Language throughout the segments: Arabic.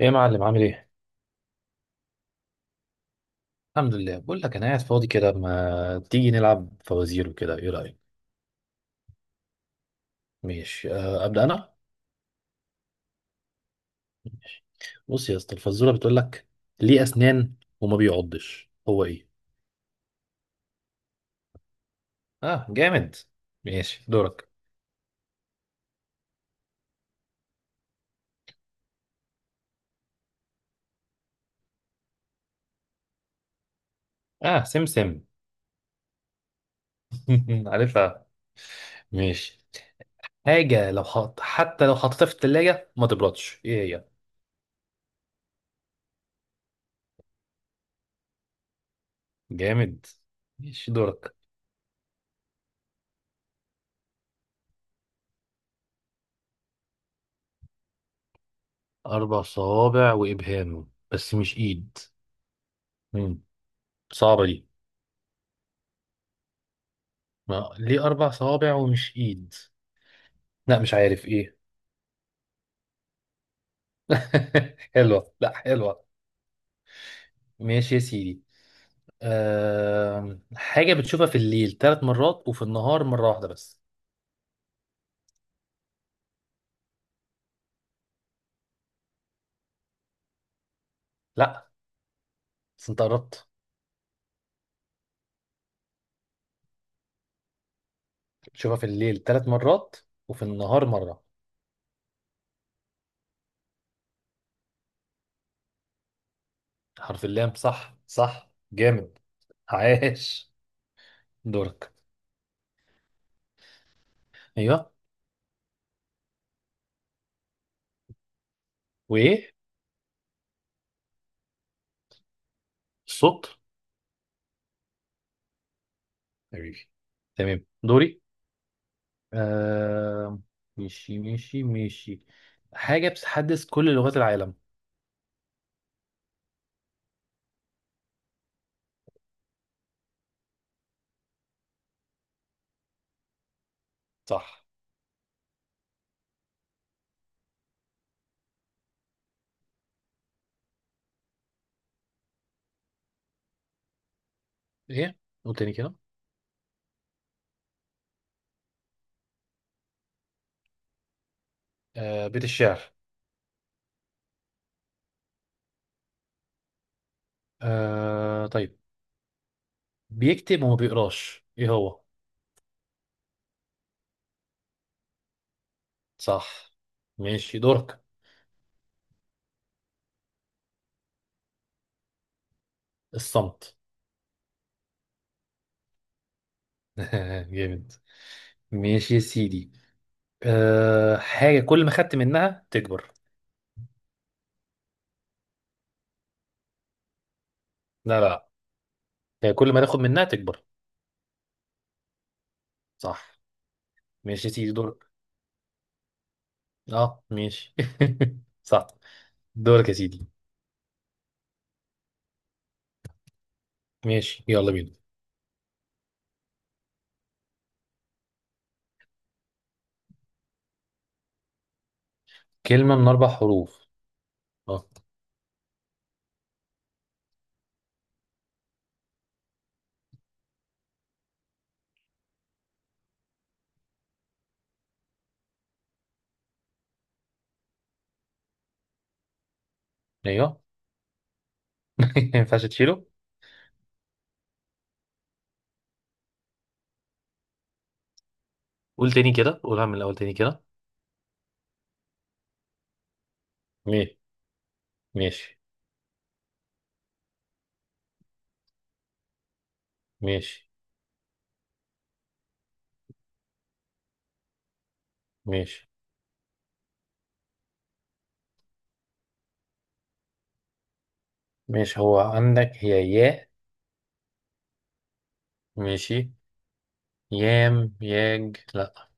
ايه يا معلم، عامل ايه؟ الحمد لله، بقول لك انا قاعد فاضي كده، ما تيجي نلعب فوازير وكده، ايه رأيك؟ ماشي. ابدأ انا؟ ماشي. بص يا اسطى، الفزورة بتقول لك: ليه اسنان وما بيعضش، هو ايه؟ اه، جامد. ماشي، دورك. اه، سمسم. عارفها. ماشي. حاجة لو حط حتى لو حطيتها في التلاجة ما تبردش، ايه هي؟ جامد. ماشي، دورك. أربع صوابع وإبهام بس مش إيد. مم. صعبة دي. ما ليه أربع صوابع ومش إيد؟ لا، مش عارف إيه. حلوة، لا، حلوة. ماشي يا سيدي. حاجة بتشوفها في الليل ثلاث مرات، وفي النهار مرة واحدة بس. لا، بس أنت قربت. بتشوفها في الليل ثلاث مرات وفي النهار مرة. حرف اللام، صح، صح، جامد. عاش. دورك. أيوه. وإيه؟ الصوت. حبيبي. تمام، دوري. أم... ماشي، ماشي، ماشي. حاجة بتحدث كل لغات العالم. صح. ايه؟ قول تاني كده. آه، بيت الشعر. آه، طيب. بيكتب وما بيقراش، ايه هو؟ صح. ماشي، دورك. الصمت. جامد. ماشي يا سيدي. آه، حاجة كل ما خدت منها تكبر. لا، لا. هي كل ما تاخد منها تكبر. صح. ماشي يا سيدي، دورك. اه، ماشي. صح. دورك يا سيدي. ماشي، يلا بينا. كلمة من أربع حروف. اه. ايوه. ما ينفعش تشيله. قول تاني كده، قولها من الأول تاني كده. ماشي. ماشي، ماشي، ماشي. ماشي، هو عندك هي ياء. ماشي. يام، ياج، لا.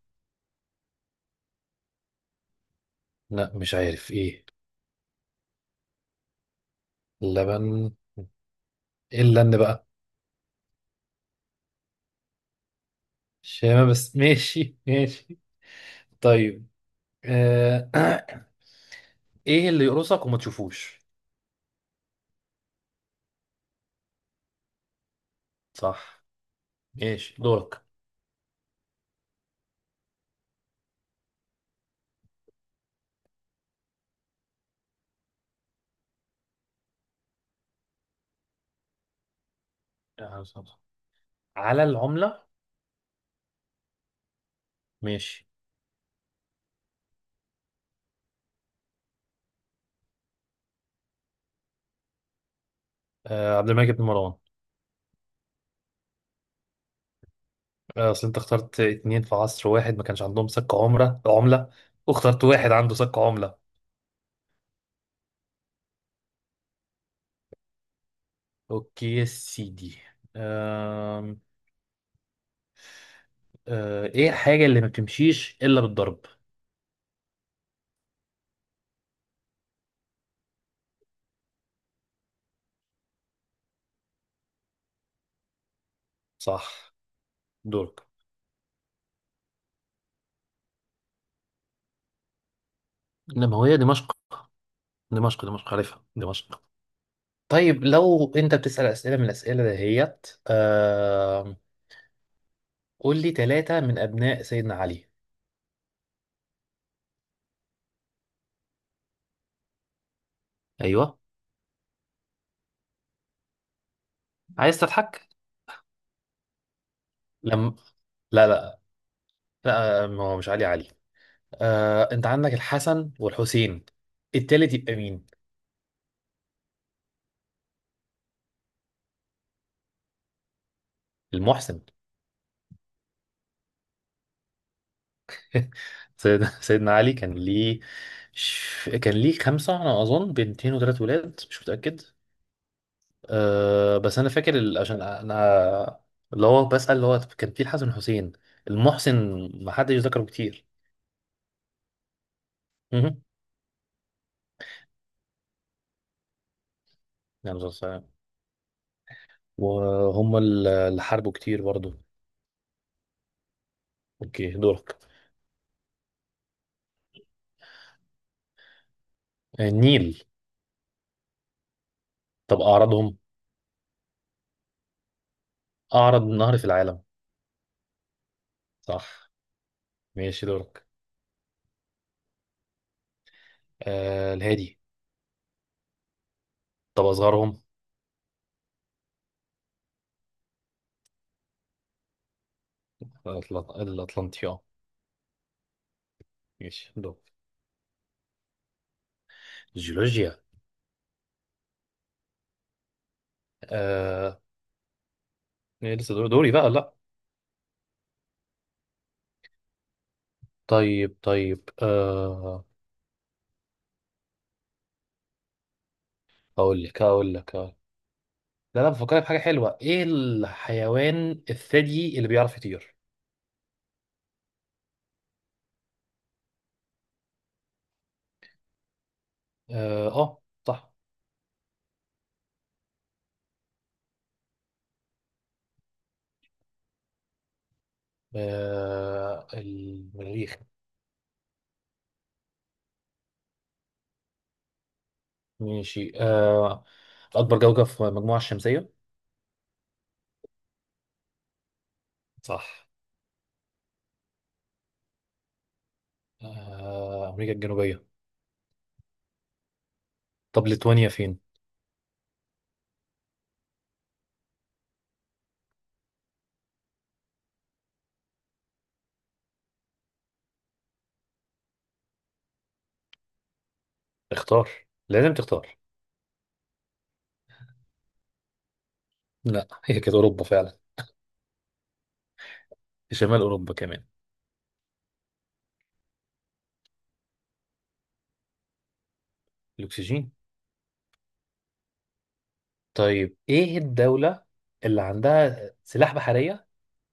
لا، مش عارف ايه. لبن. ايه اللن بقى؟ شامة بس. ماشي، ماشي. طيب. آه. ايه اللي يقرصك وما تشوفوش؟ صح. ماشي، دورك. آه، صح. على العملة. ماشي. آه. عبد الملك بن مروان. آه، اصل انت اخترت اتنين في عصر واحد ما كانش عندهم سك عملة، واخترت واحد عنده سك عملة. اوكي يا سيدي. أم... ايه الحاجة اللي ما بتمشيش الا بالضرب؟ صح. دورك. انما هي دمشق. دمشق، دمشق، عارفها دمشق. طيب لو انت بتسأل اسئلة من الاسئلة دهيت. قول لي ثلاثة من ابناء سيدنا علي. ايوه. عايز تضحك؟ لم. لا، لا. لا، ما هو مش علي علي. انت عندك الحسن والحسين، التالت يبقى مين؟ المحسن. سيدنا علي كان ليه كان ليه خمسة، أنا أظن بنتين وثلاث ولاد، مش متأكد. أه، بس أنا فاكر عشان أنا اللي هو بسأل، اللي هو كان في الحسن والحسين، المحسن، ما حدش ذكره كتير. مهم. يعني وهم اللي حاربوا كتير برضه. أوكي، دورك. آه، النيل. طب أعرضهم؟ أعرض نهر في العالم؟ صح. ماشي، دورك. أه، الهادي. طب أصغرهم؟ الأطلنطي، أه. ماشي، دورك. جيولوجيا. آه. إيه، لسه دوري بقى، لا. طيب، طيب، آه. اقول لك اقول لك أقول لك. لا، انا بفكرك بحاجه حلوه، ايه الحيوان الثدي اللي بيعرف يطير؟ اه، آه، صح. آه، المريخ. ماشي، آه. اكبر كوكب في المجموعه الشمسيه؟ صح. آه، امريكا الجنوبيه. طب ليتوانيا فين؟ اختار. لازم تختار. لا، هي كانت اوروبا فعلا. في شمال اوروبا كمان. الاكسجين. طيب، ايه الدولة اللي عندها سلاح بحرية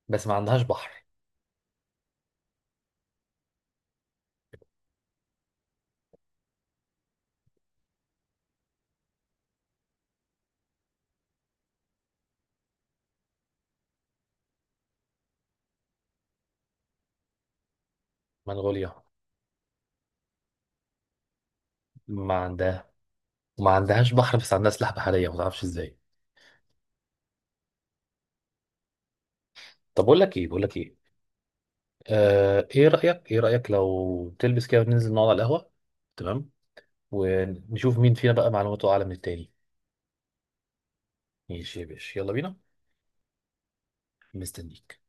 بس ما عندهاش بحر؟ منغوليا. ما عندها؟ وما عندهاش بحر، بس عندها سلاح بحرية، ما تعرفش ازاي. طب بقول لك ايه. آه، ايه رأيك لو تلبس كده وننزل نقعد على القهوة؟ تمام. ونشوف مين فينا بقى معلوماته اعلى من التاني. ماشي يا باشا، يلا بينا. مستنيك.